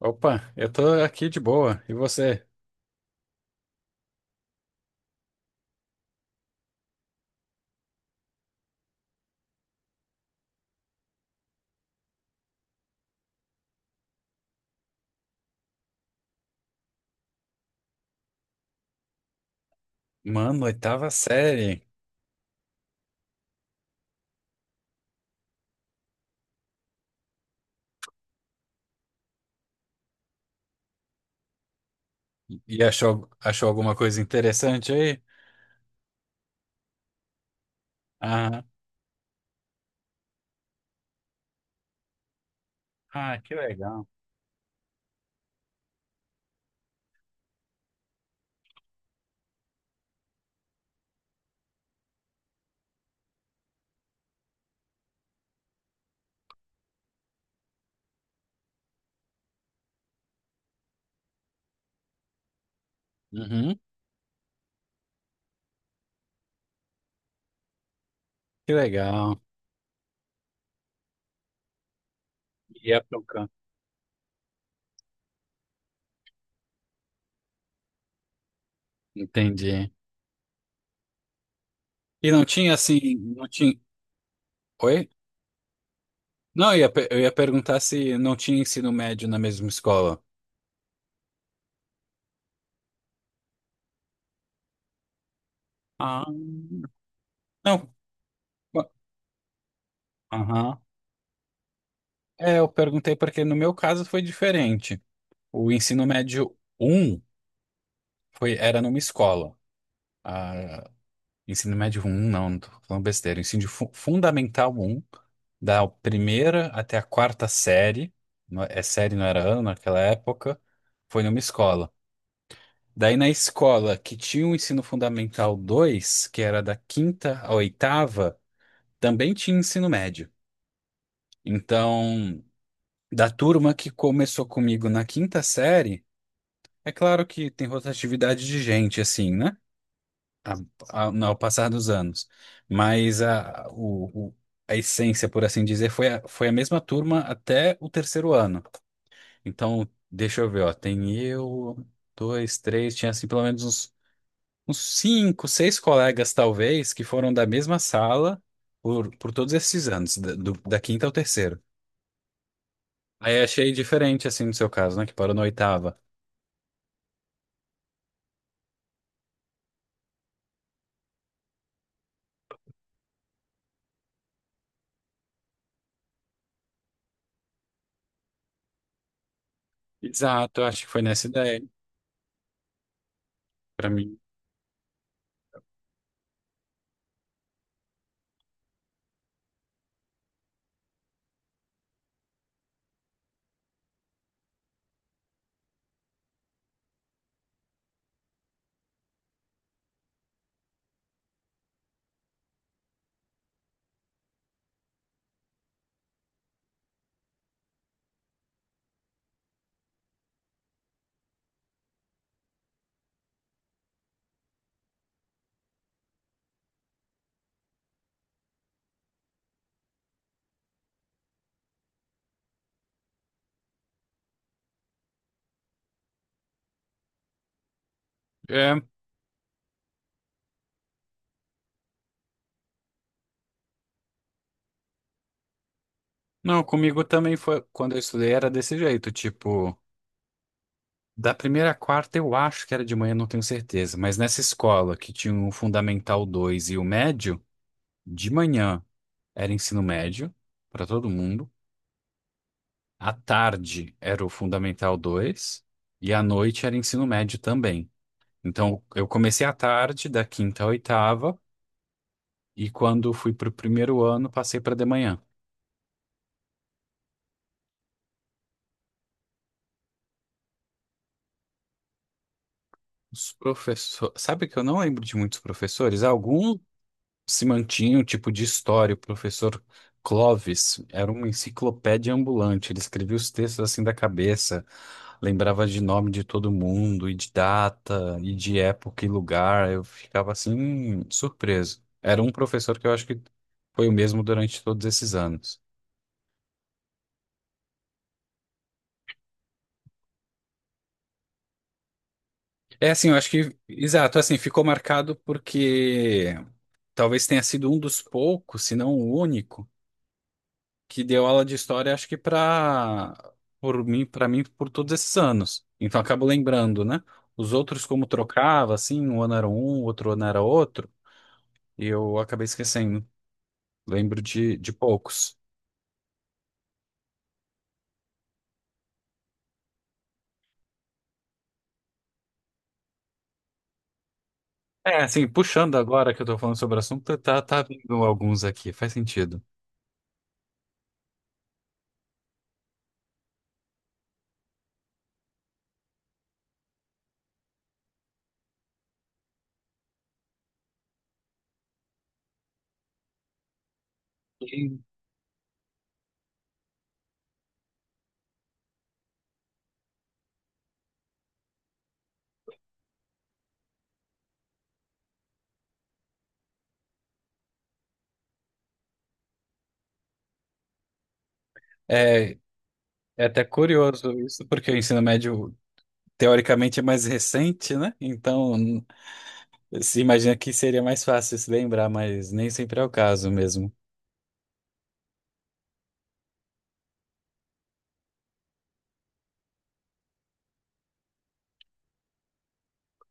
Opa, eu tô aqui de boa. E você? Mano, oitava série. E achou alguma coisa interessante aí? Ah, ah, que legal. Uhum, que legal. E ia tocando. Entendi. E não tinha assim, não tinha. Oi? Não, eu ia perguntar se não tinha ensino médio na mesma escola. Ah, não. Aham. É, eu perguntei porque no meu caso foi diferente. O ensino médio um era numa escola. Ah, ensino médio um não, não tô falando besteira. Ensino fundamental um, da primeira até a quarta série, não é série, não era ano naquela época, foi numa escola. Daí na escola que tinha o ensino fundamental dois, que era da quinta à oitava, também tinha ensino médio. Então, da turma que começou comigo na quinta série, é claro que tem rotatividade de gente, assim, né? Ao passar dos anos. Mas a essência, por assim dizer, foi a mesma turma até o terceiro ano. Então, deixa eu ver, ó, tem eu, dois, três, tinha assim pelo menos uns cinco, seis colegas, talvez, que foram da mesma sala por todos esses anos, da quinta ao terceiro. Aí achei diferente, assim, no seu caso, né, que parou na oitava. Exato, eu acho que foi nessa ideia, pra mim. É, não, comigo também foi, quando eu estudei era desse jeito, tipo. Da primeira à quarta, eu acho que era de manhã, não tenho certeza. Mas nessa escola, que tinha o Fundamental 2 e o médio, de manhã era ensino médio para todo mundo. À tarde era o Fundamental 2 e à noite era ensino médio também. Então, eu comecei à tarde, da quinta à oitava, e quando fui para o primeiro ano, passei para de manhã. Os professores. Sabe que eu não lembro de muitos professores? Alguns se mantinha o tipo de história. O professor Clovis era uma enciclopédia ambulante. Ele escrevia os textos assim da cabeça, lembrava de nome de todo mundo, e de data, e de época e lugar. Eu ficava assim, surpreso. Era um professor que eu acho que foi o mesmo durante todos esses anos. É assim, eu acho que, exato, assim, ficou marcado porque talvez tenha sido um dos poucos, se não o único, que deu aula de história, acho que para mim por todos esses anos. Então acabo lembrando, né? Os outros, como trocava, assim, um ano era um, outro ano era outro, e eu acabei esquecendo. Lembro de poucos. É, assim, puxando agora que eu tô falando sobre o assunto, tá vindo alguns aqui, faz sentido. E É, é, até curioso isso, porque o ensino médio teoricamente é mais recente, né? Então, se imagina que seria mais fácil se lembrar, mas nem sempre é o caso mesmo.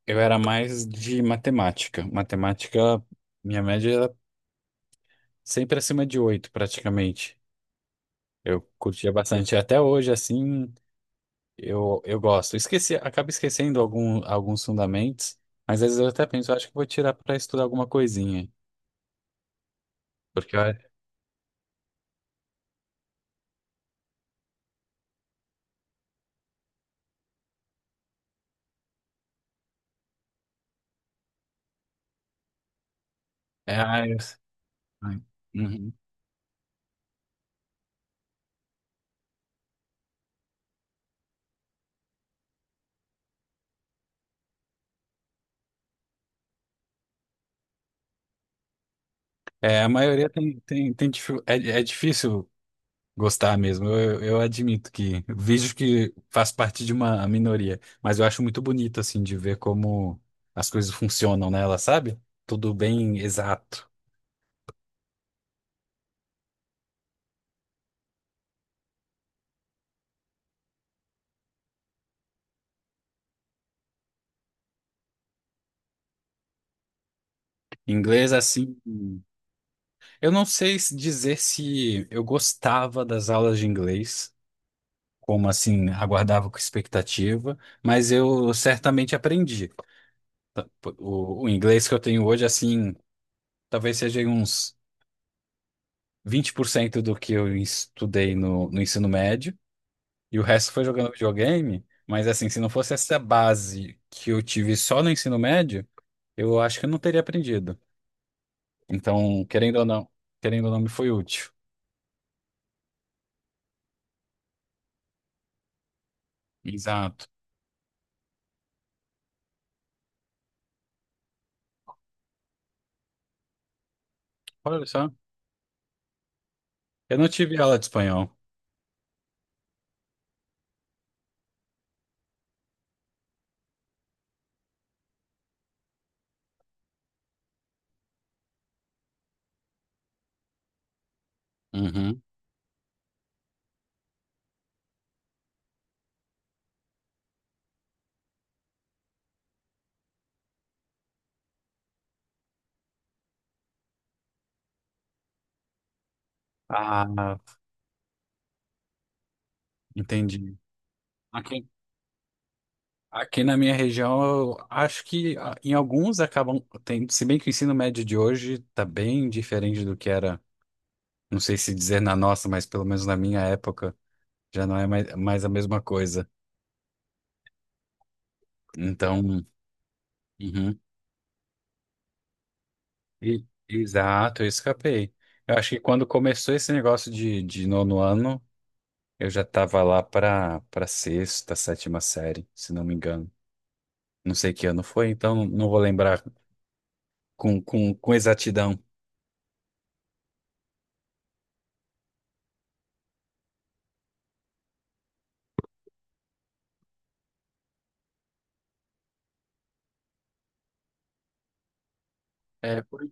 Eu era mais de matemática. Matemática, minha média era sempre acima de 8 praticamente. Eu curtia bastante. Até hoje, assim, eu gosto. Esqueci, acabo esquecendo alguns fundamentos, mas às vezes eu até penso, eu acho que vou tirar para estudar alguma coisinha. Porque eu- É, ah, ai, uhum. É, a maioria tem, é difícil gostar mesmo, eu admito que vejo que faz parte de uma minoria, mas eu acho muito bonito, assim, de ver como as coisas funcionam nela, sabe? Tudo bem, exato. Inglês, assim, eu não sei dizer se eu gostava das aulas de inglês, como assim, aguardava com expectativa, mas eu certamente aprendi. Tá, pô, o inglês que eu tenho hoje, assim, talvez seja uns 20% do que eu estudei no ensino médio. E o resto foi jogando videogame, mas assim, se não fosse essa base que eu tive só no ensino médio, eu acho que eu não teria aprendido. Então, querendo ou não, me foi útil. Exato. Olha só, eu não tive aula de espanhol. Uhum. Ah, entendi. Aqui, aqui, na minha região, eu acho que em alguns acabam, tem, se bem que o ensino médio de hoje está bem diferente do que era, não sei se dizer na nossa, mas pelo menos na minha época, já não é mais a mesma coisa. Então, uhum. Exato, eu escapei. Eu acho que quando começou esse negócio de nono ano, eu já estava lá para sexta, sétima série, se não me engano. Não sei que ano foi, então não vou lembrar com exatidão. É, foi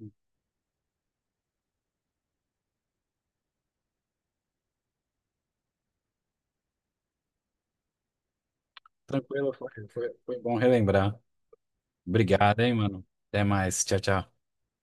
tranquilo, foi bom relembrar. Obrigado, hein, mano. Até mais. Tchau, tchau.